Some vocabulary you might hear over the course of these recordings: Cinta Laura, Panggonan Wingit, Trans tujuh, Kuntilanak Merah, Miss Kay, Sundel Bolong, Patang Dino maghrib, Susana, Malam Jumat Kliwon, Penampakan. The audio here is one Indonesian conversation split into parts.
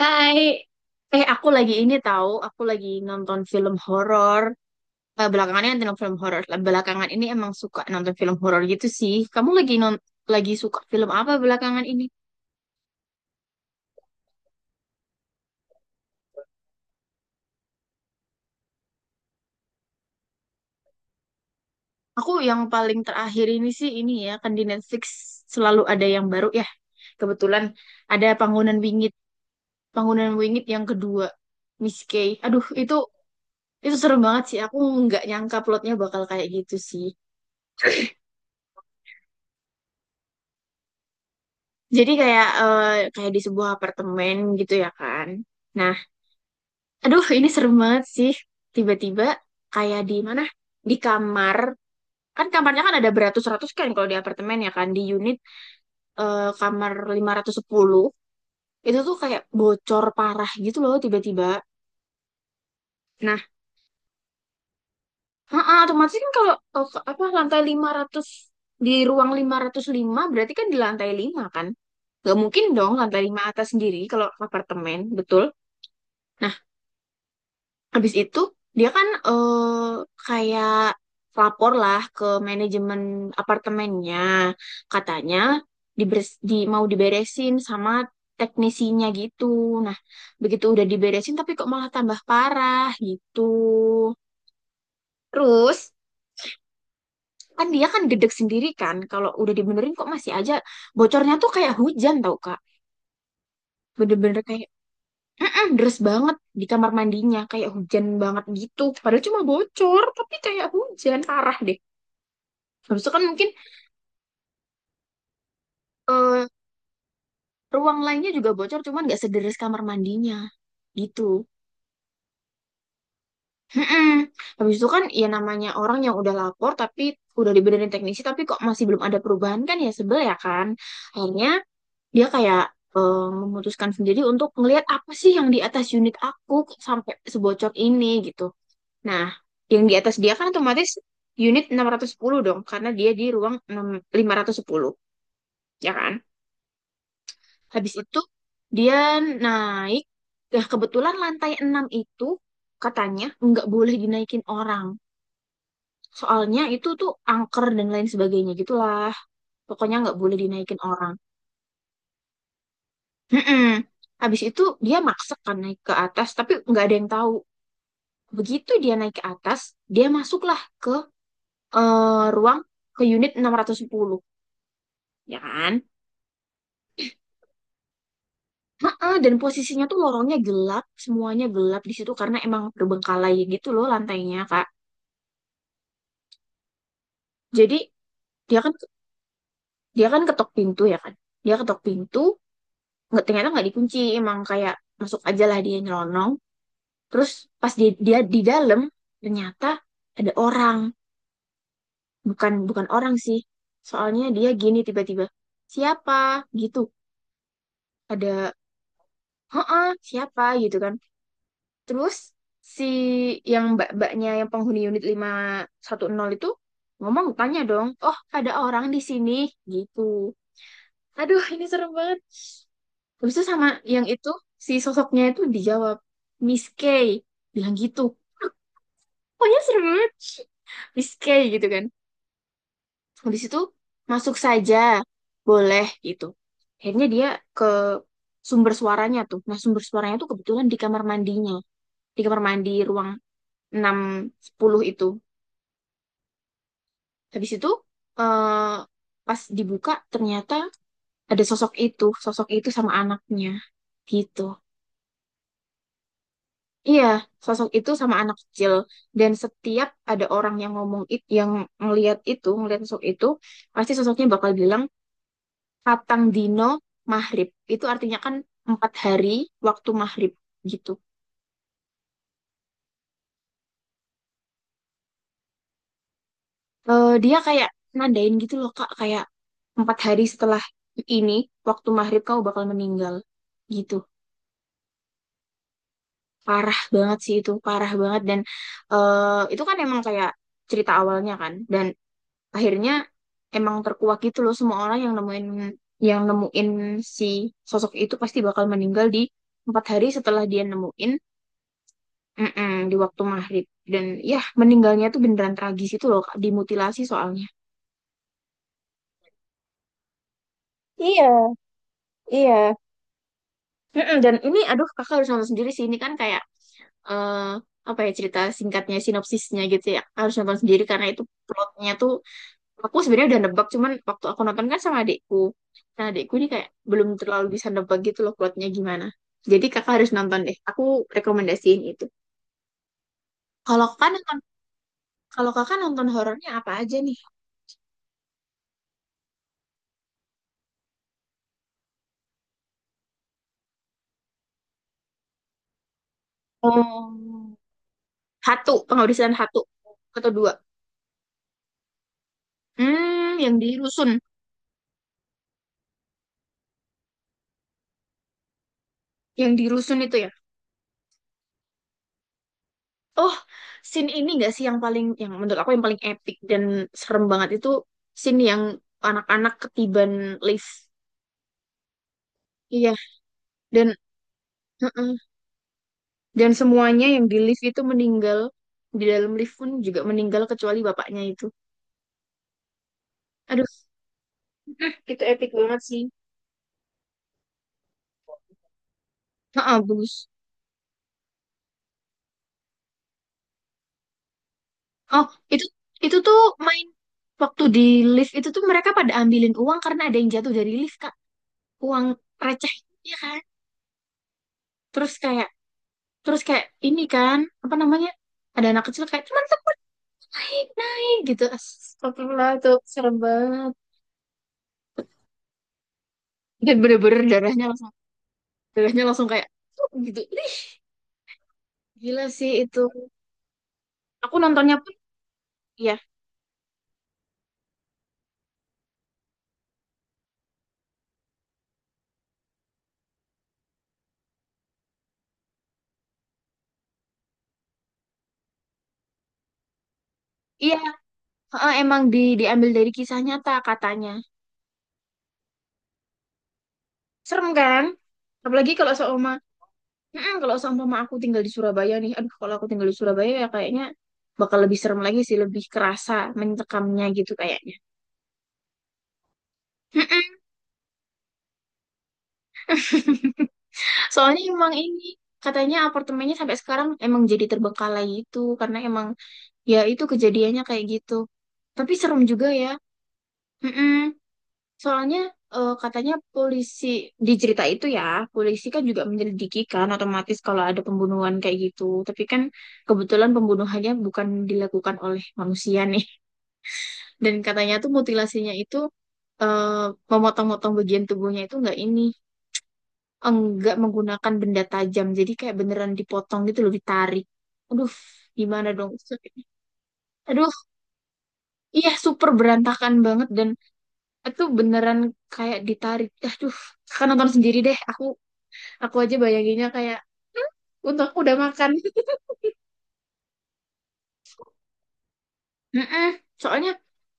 Hai, aku lagi ini tahu, aku lagi nonton film horor. Belakangan ini nonton film horor. Belakangan ini emang suka nonton film horor gitu sih. Kamu lagi lagi suka film apa belakangan ini? Aku yang paling terakhir ini sih ini ya, kan di Netflix selalu ada yang baru ya. Kebetulan ada Panggonan Wingit, Panggonan Wingit yang kedua, Miss Kay. Aduh, itu serem banget sih. Aku nggak nyangka plotnya bakal kayak gitu sih. Jadi kayak kayak di sebuah apartemen gitu ya kan. Nah, aduh ini serem banget sih. Tiba-tiba kayak di mana? Di kamar. Kan kamarnya kan ada beratus-ratus kan kalau di apartemen ya kan. Di unit kamar 510 itu tuh kayak bocor parah gitu loh tiba-tiba. Nah, heeh, otomatis kan kalau apa lantai 500 di ruang 505 berarti kan di lantai 5 kan. Gak mungkin dong lantai 5 atas sendiri kalau apartemen, betul? Habis itu dia kan kayak lapor lah ke manajemen apartemennya. Katanya mau diberesin sama teknisinya gitu. Nah, begitu udah diberesin tapi kok malah tambah parah gitu. Terus kan dia kan gedeg sendiri kan kalau udah dibenerin kok masih aja bocornya tuh kayak hujan tau Kak. Bener-bener kayak mm-mm, deres banget di kamar mandinya kayak hujan banget gitu padahal cuma bocor tapi kayak hujan parah deh habis itu kan mungkin eh, ruang lainnya juga bocor cuman nggak sederes kamar mandinya gitu. Mm-mm. Habis itu kan ya namanya orang yang udah lapor tapi udah dibenerin teknisi tapi kok masih belum ada perubahan kan ya sebel ya kan akhirnya dia kayak memutuskan sendiri untuk ngelihat apa sih yang di atas unit aku kok sampai sebocor ini gitu. Nah, yang di atas dia kan otomatis unit 610 dong, karena dia di ruang 510, ya kan? Habis itu dia naik, nah kebetulan lantai 6 itu katanya nggak boleh dinaikin orang. Soalnya itu tuh angker dan lain sebagainya gitulah. Pokoknya nggak boleh dinaikin orang. Mm-mm. Habis itu dia maksa kan naik ke atas, tapi nggak ada yang tahu. Begitu dia naik ke atas, dia masuklah ke eh, ruang ke unit 610. Ya kan? Heeh, dan posisinya tuh lorongnya gelap, semuanya gelap di situ karena emang terbengkalai gitu loh lantainya, Kak. Jadi dia kan dia kan ketok pintu ya kan. Dia ketok pintu, nggak ternyata nggak dikunci, emang kayak masuk aja lah dia nyelonong. Terus pas dia di dalam ternyata ada orang, bukan bukan orang sih. Soalnya dia gini tiba-tiba, "Siapa?" gitu. Ada, "Heeh, siapa?" gitu kan. Terus si yang mbak-mbaknya yang penghuni unit 510 itu ngomong tanya dong, "Oh, ada orang di sini." gitu. Aduh, ini serem banget. Terus itu sama yang itu si sosoknya itu dijawab, "Miss K." bilang gitu. Pokoknya serem banget. Miss K gitu kan. Habis itu masuk saja. Boleh gitu. Akhirnya dia ke sumber suaranya tuh. Nah, sumber suaranya tuh kebetulan di kamar mandinya. Di kamar mandi ruang 610 itu. Habis itu eh, pas dibuka ternyata ada sosok itu sama anaknya gitu. Iya, sosok itu sama anak kecil dan setiap ada orang yang ngomong itu, yang ngelihat itu, ngelihat sosok itu, pasti sosoknya bakal bilang Patang Dino maghrib. Itu artinya kan 4 hari waktu maghrib gitu. Dia kayak nandain gitu loh Kak, kayak 4 hari setelah ini waktu maghrib kamu bakal meninggal gitu. Parah banget sih itu, parah banget dan itu kan emang kayak cerita awalnya kan dan akhirnya emang terkuak gitu loh semua orang yang nemuin si sosok itu pasti bakal meninggal di 4 hari setelah dia nemuin, mm-mm, di waktu maghrib dan ya meninggalnya tuh beneran tragis itu loh Kak, dimutilasi soalnya. Iya, iya. Mm-mm, dan ini aduh kakak harus nonton sendiri sih ini kan kayak eh apa ya cerita singkatnya sinopsisnya gitu ya Kakak harus nonton sendiri karena itu plotnya tuh aku sebenarnya udah nebak cuman waktu aku nonton kan sama adikku nah adikku ini kayak belum terlalu bisa nebak gitu loh plotnya gimana jadi kakak harus nonton deh aku rekomendasiin itu kalau kakak nonton, kalau kakak nonton horornya apa aja nih. Oh, Hatu penghabisan Hatu atau dua, hmm yang di rusun, yang di rusun itu ya. Oh, scene ini gak sih yang paling yang menurut aku yang paling epic dan serem banget itu scene yang anak-anak ketiban lift, iya dan Dan semuanya yang di lift itu meninggal. Di dalam lift pun juga meninggal kecuali bapaknya itu. Aduh, itu epic banget sih. Heeh, bagus. Oh, itu itu tuh main waktu di lift itu tuh mereka pada ambilin uang karena ada yang jatuh dari lift, Kak. Uang receh, ya kan? Terus kayak terus kayak ini kan, apa namanya? Ada anak kecil kayak cuman tuh naik, naik gitu. Astagfirullah, itu serem banget. Dan bener-bener darahnya langsung, darahnya langsung kayak tuh gitu. Ih, gila sih itu. Aku nontonnya pun iya. Iya, heeh, emang di diambil dari kisah nyata katanya. Serem kan? Apalagi kalau seumpama, mm-mm, kalau seumpama aku tinggal di Surabaya nih. Aduh, kalau aku tinggal di Surabaya ya kayaknya bakal lebih serem lagi sih, lebih kerasa mencekamnya gitu kayaknya. Mm-mm. Soalnya emang ini katanya apartemennya sampai sekarang emang jadi terbengkalai itu karena emang ya itu kejadiannya kayak gitu. Tapi serem juga ya. Mm-mm. Soalnya katanya polisi di cerita itu ya, polisi kan juga menyelidiki kan otomatis kalau ada pembunuhan kayak gitu. Tapi kan kebetulan pembunuhannya bukan dilakukan oleh manusia nih. Dan katanya tuh mutilasinya itu eh, memotong-motong bagian tubuhnya itu enggak menggunakan benda tajam. Jadi kayak beneran dipotong gitu loh, ditarik. Aduh, gimana dong? Aduh, iya super berantakan banget dan itu beneran kayak ditarik. Aduh, kakak nonton sendiri deh. Aku aja bayanginnya kayak untuk aku udah makan. Mm-mm. Soalnya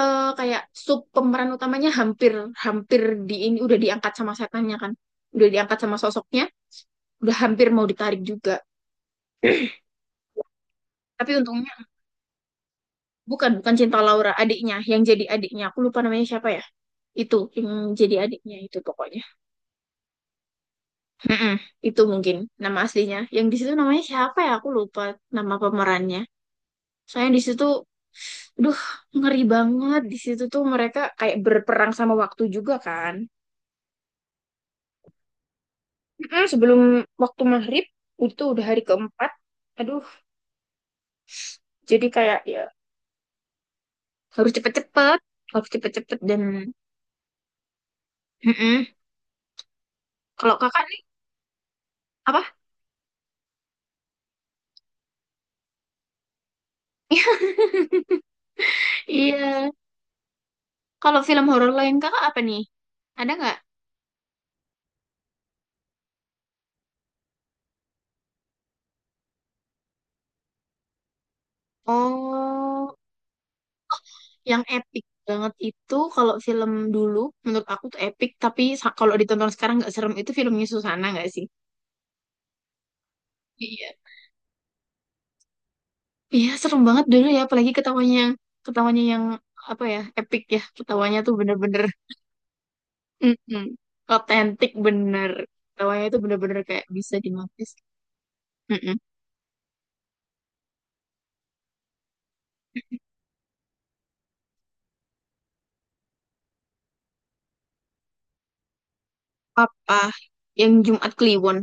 kayak sub pemeran utamanya hampir hampir di ini udah diangkat sama setannya kan. Udah diangkat sama sosoknya, udah hampir mau ditarik juga. Tapi untungnya bukan bukan Cinta Laura, adiknya yang jadi adiknya. Aku lupa namanya siapa ya. Itu yang jadi adiknya itu pokoknya. Mm-mm. Itu mungkin nama aslinya. Yang di situ namanya siapa ya? Aku lupa nama pemerannya. Saya di situ, duh, ngeri banget. Di situ tuh mereka kayak berperang sama waktu juga kan. Mm-mm, sebelum waktu maghrib, itu udah hari keempat. Aduh, jadi kayak ya harus cepet-cepet, harus cepet-cepet dan mm-mm. Kalau kakak nih apa? Iya. Kalau film horor lain kakak apa nih? Ada nggak? Oh, yang epic banget itu kalau film dulu menurut aku tuh epic, tapi kalau ditonton sekarang nggak serem itu filmnya Susana nggak sih? Iya. Iya, serem banget dulu ya, apalagi ketawanya yang apa ya, epic ya. Ketawanya tuh bener-bener mm-mm, otentik bener. Ketawanya tuh bener-bener kayak bisa dinotis. Mm-mm. Apa yang Jumat Kliwon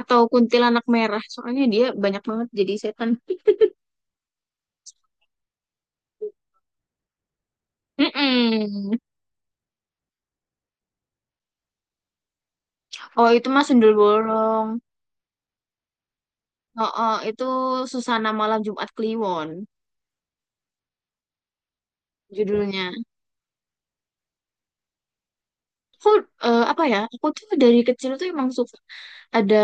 atau Kuntilanak Merah, soalnya dia banyak banget jadi setan. Mm-mm. Oh, itu mah Sundel Bolong. Oh, itu Susana Malam Jumat Kliwon judulnya. Aku apa ya? Aku tuh dari kecil tuh emang suka ada.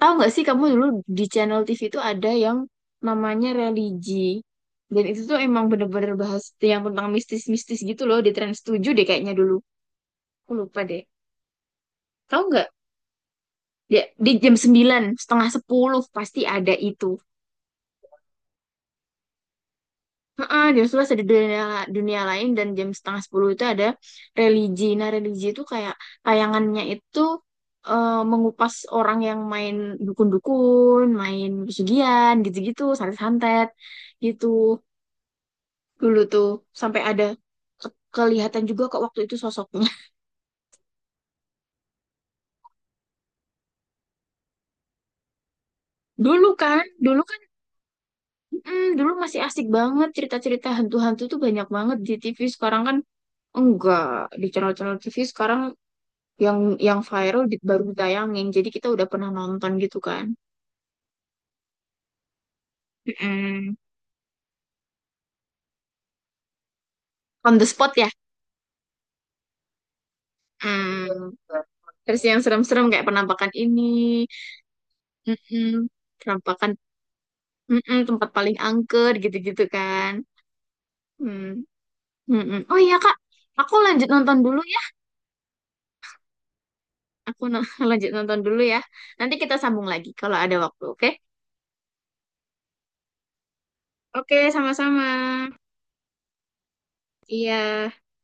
Tahu nggak sih kamu dulu di channel TV itu ada yang namanya religi. Dan itu tuh emang bener-bener bahas yang tentang mistis-mistis gitu loh di Trans 7 deh kayaknya dulu. Aku lupa deh. Tahu nggak? Ya, di jam 9 setengah 10 pasti ada itu. Heeh, jam 11 ada dunia, dunia lain dan jam setengah 10 itu ada religi. Nah, religi itu kayak tayangannya itu mengupas orang yang main dukun-dukun, main pesugihan, gitu-gitu, santet-santet gitu. Dulu tuh sampai ada ke- kelihatan juga kok waktu itu sosoknya. Dulu kan, mm, dulu masih asik banget cerita-cerita hantu-hantu tuh banyak banget di TV. Sekarang kan enggak di channel-channel TV sekarang yang viral di, baru ditayangin. Jadi kita udah pernah nonton gitu kan. Mm-mm. On the spot ya. Mm. Terus yang serem-serem kayak penampakan ini, mm Penampakan mm tempat paling angker gitu-gitu kan. Hmm. Mm-mm. Oh iya Kak, aku lanjut nonton dulu ya. Aku lanjut nonton dulu ya. Nanti kita sambung lagi kalau ada waktu, oke? Oke, sama-sama. Iya.